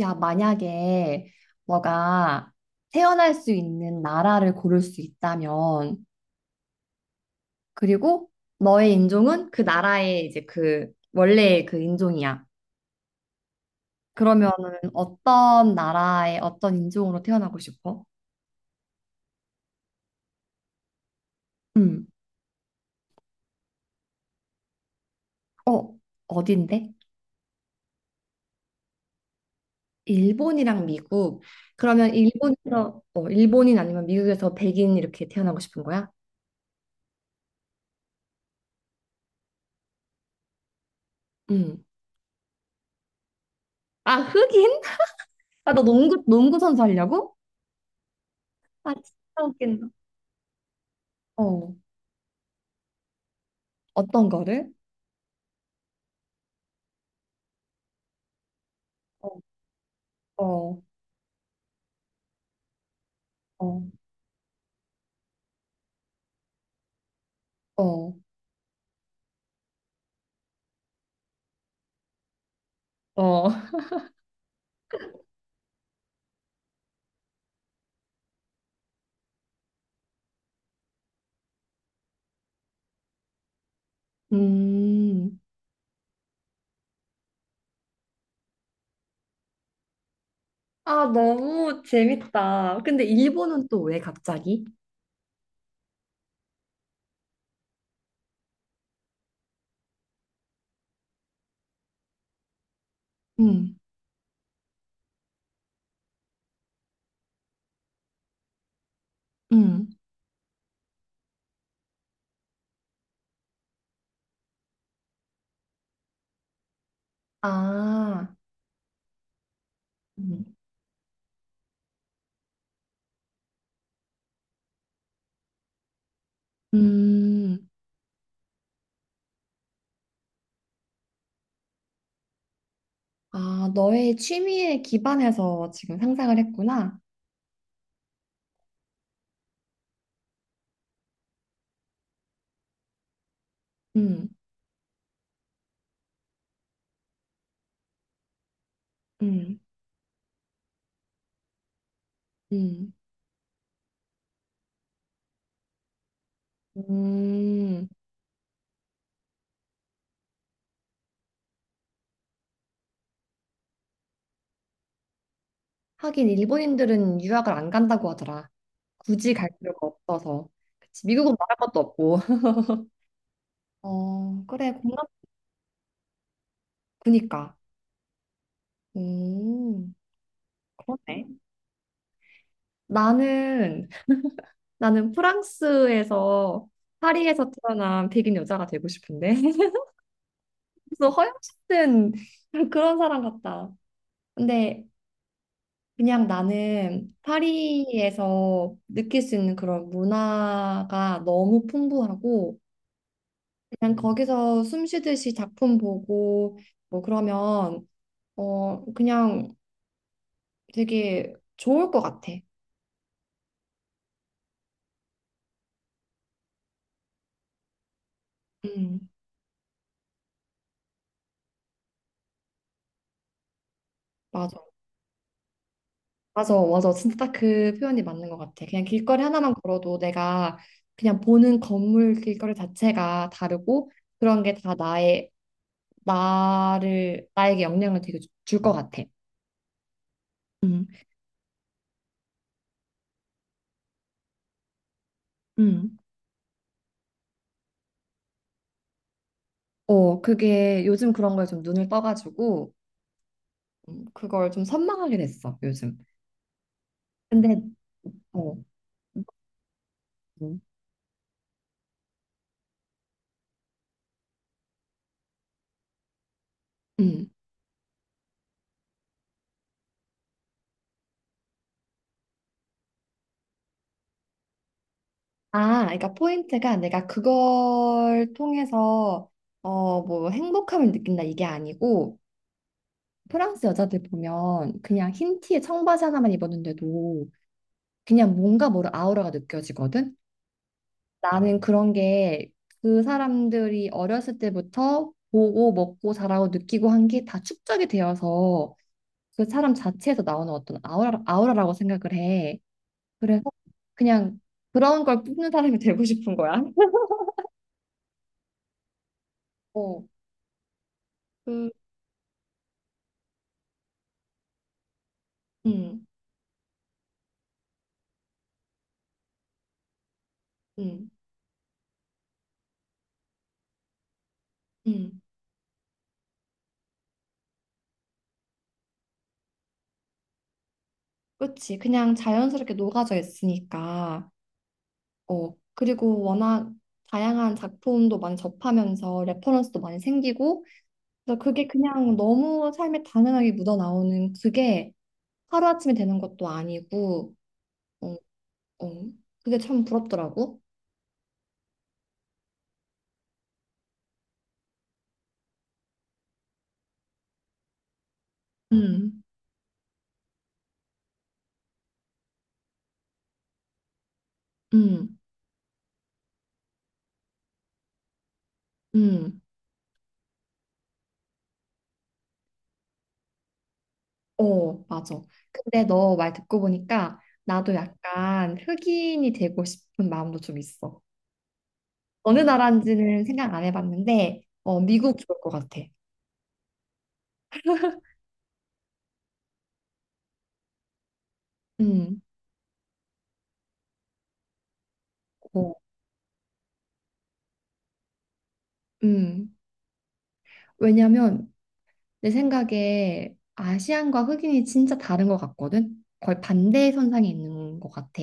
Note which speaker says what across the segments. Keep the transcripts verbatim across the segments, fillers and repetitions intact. Speaker 1: 야, 만약에 너가 태어날 수 있는 나라를 고를 수 있다면, 그리고 너의 인종은 그 나라의 이제 그 원래의 그 인종이야. 그러면은 어떤 나라의 어떤 인종으로 태어나고 싶어? 음. 어, 어딘데? 일본이랑 미국. 그러면 일본에서 어, 일본인 아니면 미국에서 백인 이렇게 태어나고 싶은 거야? 음. 아, 흑인? 아, 너 농구 농구 선수 하려고? 아, 진짜 웃긴다. 어. 어떤 거를? 어, 어, 어, 어, 어. 음, 아, 너무 재밌다. 근데 일본은 또 왜 갑자기? 음, 음, 아, 음. 음, 아, 너의 취미에 기반해서 지금 상상을 했구나. 음, 음, 음. 음, 하긴 일본인들은 유학을 안 간다고 하더라. 굳이 갈 필요가 없어서. 그치, 미국은 말할 것도 없고. 어, 그래, 공감, 그니까. 음. 그러네. 나는, 나는 프랑스에서, 파리에서 태어난 백인 여자가 되고 싶은데. 그래서 허영심은 그런 사람 같다. 근데 그냥 나는 파리에서 느낄 수 있는 그런 문화가 너무 풍부하고, 그냥 거기서 숨 쉬듯이 작품 보고, 뭐 그러면, 어, 그냥 되게 좋을 것 같아. 음, 맞아. 맞아, 맞아. 진짜 딱 그 표현이 맞는 것 같아. 그냥 길거리 하나만 걸어도 내가 그냥 보는 건물 길거리 자체가 다르고 그런 게 다 나의, 나를, 나에게 영향을 되게 줄 것 같아. 음. 음. 어, 그게 요즘 그런 거에 좀 눈을 떠가지고 음, 그걸 좀 선망하게 됐어, 요즘. 근데, 어, 음. 음. 아, 그러니까 포인트가 내가 그걸 통해서 어, 뭐 행복함을 느낀다 이게 아니고 프랑스 여자들 보면 그냥 흰 티에 청바지 하나만 입었는데도 그냥 뭔가 모를 아우라가 느껴지거든? 나는 음, 그런 게 그 사람들이 어렸을 때부터 보고 먹고 자라고 느끼고 한 게 다 축적이 되어서 그 사람 자체에서 나오는 어떤 아우라, 아우라라고 생각을 해. 그래서 그냥 그런 걸 뿜는 사람이 되고 싶은 거야. 어, 그, 음, 음, 음. 그치. 그냥 자연스럽게 녹아져 있으니까. 어, 그리고 워낙 다양한 작품도 많이 접하면서 레퍼런스도 많이 생기고, 그래서 그게 그냥 너무 삶에 당연하게 묻어나오는 그게 하루아침에 되는 것도 아니고, 어, 어, 그게 참 부럽더라고. 음, 음, 음, 어, 맞아. 근데 너 말 듣고 보니까 나도 약간 흑인이 되고 싶은 마음도 좀 있어. 어느 나라인지는 생각 안 해봤는데, 어, 미국 좋을 것 같아. 음, 어, 음. 왜냐면 내 생각에 아시안과 흑인이 진짜 다른 것 같거든? 거의 반대의 선상에 있는 것 같아,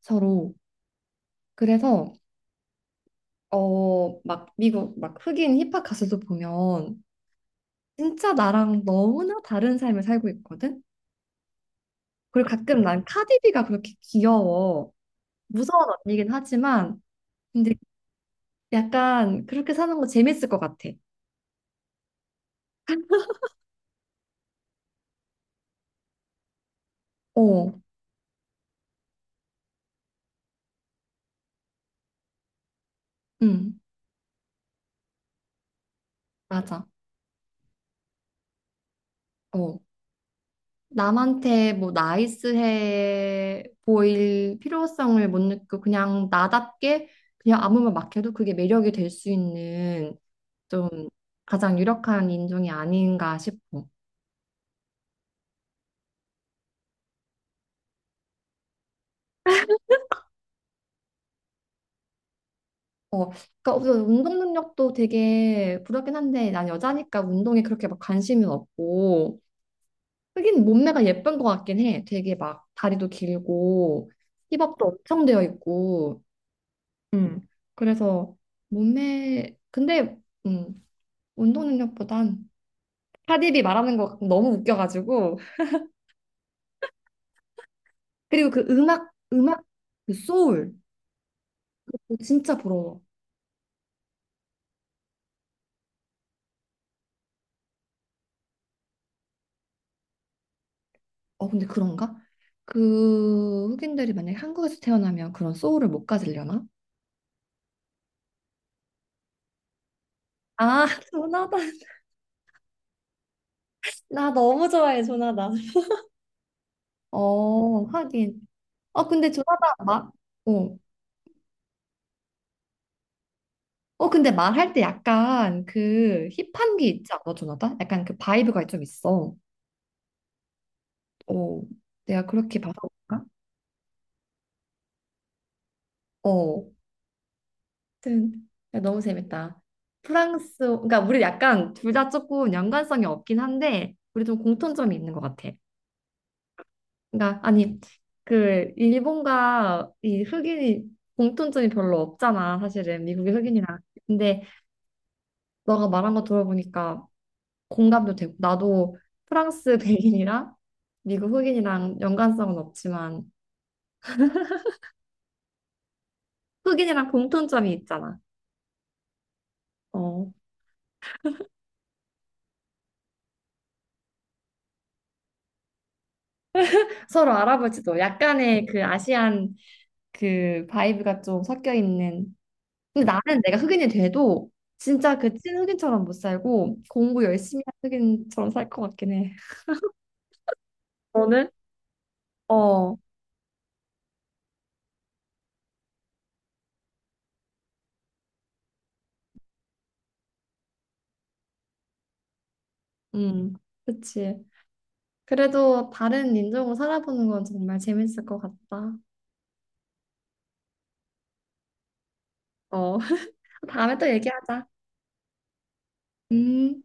Speaker 1: 서로. 그래서, 어, 막 미국, 막 흑인 힙합 가수도 보면 진짜 나랑 너무나 다른 삶을 살고 있거든? 그리고 가끔 난 카디비가 그렇게 귀여워. 무서운 언니긴 하지만, 근데 약간 그렇게 사는 거 재밌을 것 같아. 어, 응, 맞아. 어. 남한테 뭐 나이스해 보일 필요성을 못 느끼고 그냥 나답게 그냥 아무 말 막 해도 그게 매력이 될 수 있는 좀 가장 유력한 인종이 아닌가 싶어. 어, 그러니까 우선 운동 능력도 되게 부럽긴 한데 난 여자니까 운동에 그렇게 막 관심은 없고 하긴 몸매가 예쁜 것 같긴 해. 되게 막 다리도 길고 힙업도 엄청 되어 있고. 음. 그래서 몸매 근데 음. 운동 능력보단 카디비 말하는 거 너무 웃겨가지고 그리고 그 음악 음악 그 소울 진짜 부러워. 어 근데 그런가? 그 흑인들이 만약에 한국에서 태어나면 그런 소울을 못 가지려나? 아 조나단 나 너무 좋아해 조나단. 어 하긴. 어 근데 조나단 막 어. 어 근데 말할 때 약간 그 힙한 게 있지 않아 조나단? 약간 그 바이브가 좀 있어. 어 내가 그렇게 봐서 그런가? 어. 아무튼 야, 너무 재밌다. 프랑스, 그러니까 우리 약간 둘 다 조금 연관성이 없긴 한데 우리 좀 공통점이 있는 것 같아. 그러니까 아니 그 일본과 이 흑인이 공통점이 별로 없잖아, 사실은 미국의 흑인이랑. 근데 너가 말한 거 들어보니까 공감도 되고 나도 프랑스 백인이랑 미국 흑인이랑 연관성은 없지만 흑인이랑 공통점이 있잖아. 어, 서로 알아보지도 약간의 그 아시안 그 바이브가 좀 섞여 있는. 근데 나는 내가 흑인이 돼도 진짜 그 찐 흑인처럼 못 살고 공부 열심히 한 흑인처럼 살 것 같긴 해. 너는? 어, 음, 그치. 그래도 다른 인종으로 살아보는 건 정말 재밌을 것 같다. 어, 다음에 또 얘기하자. 음.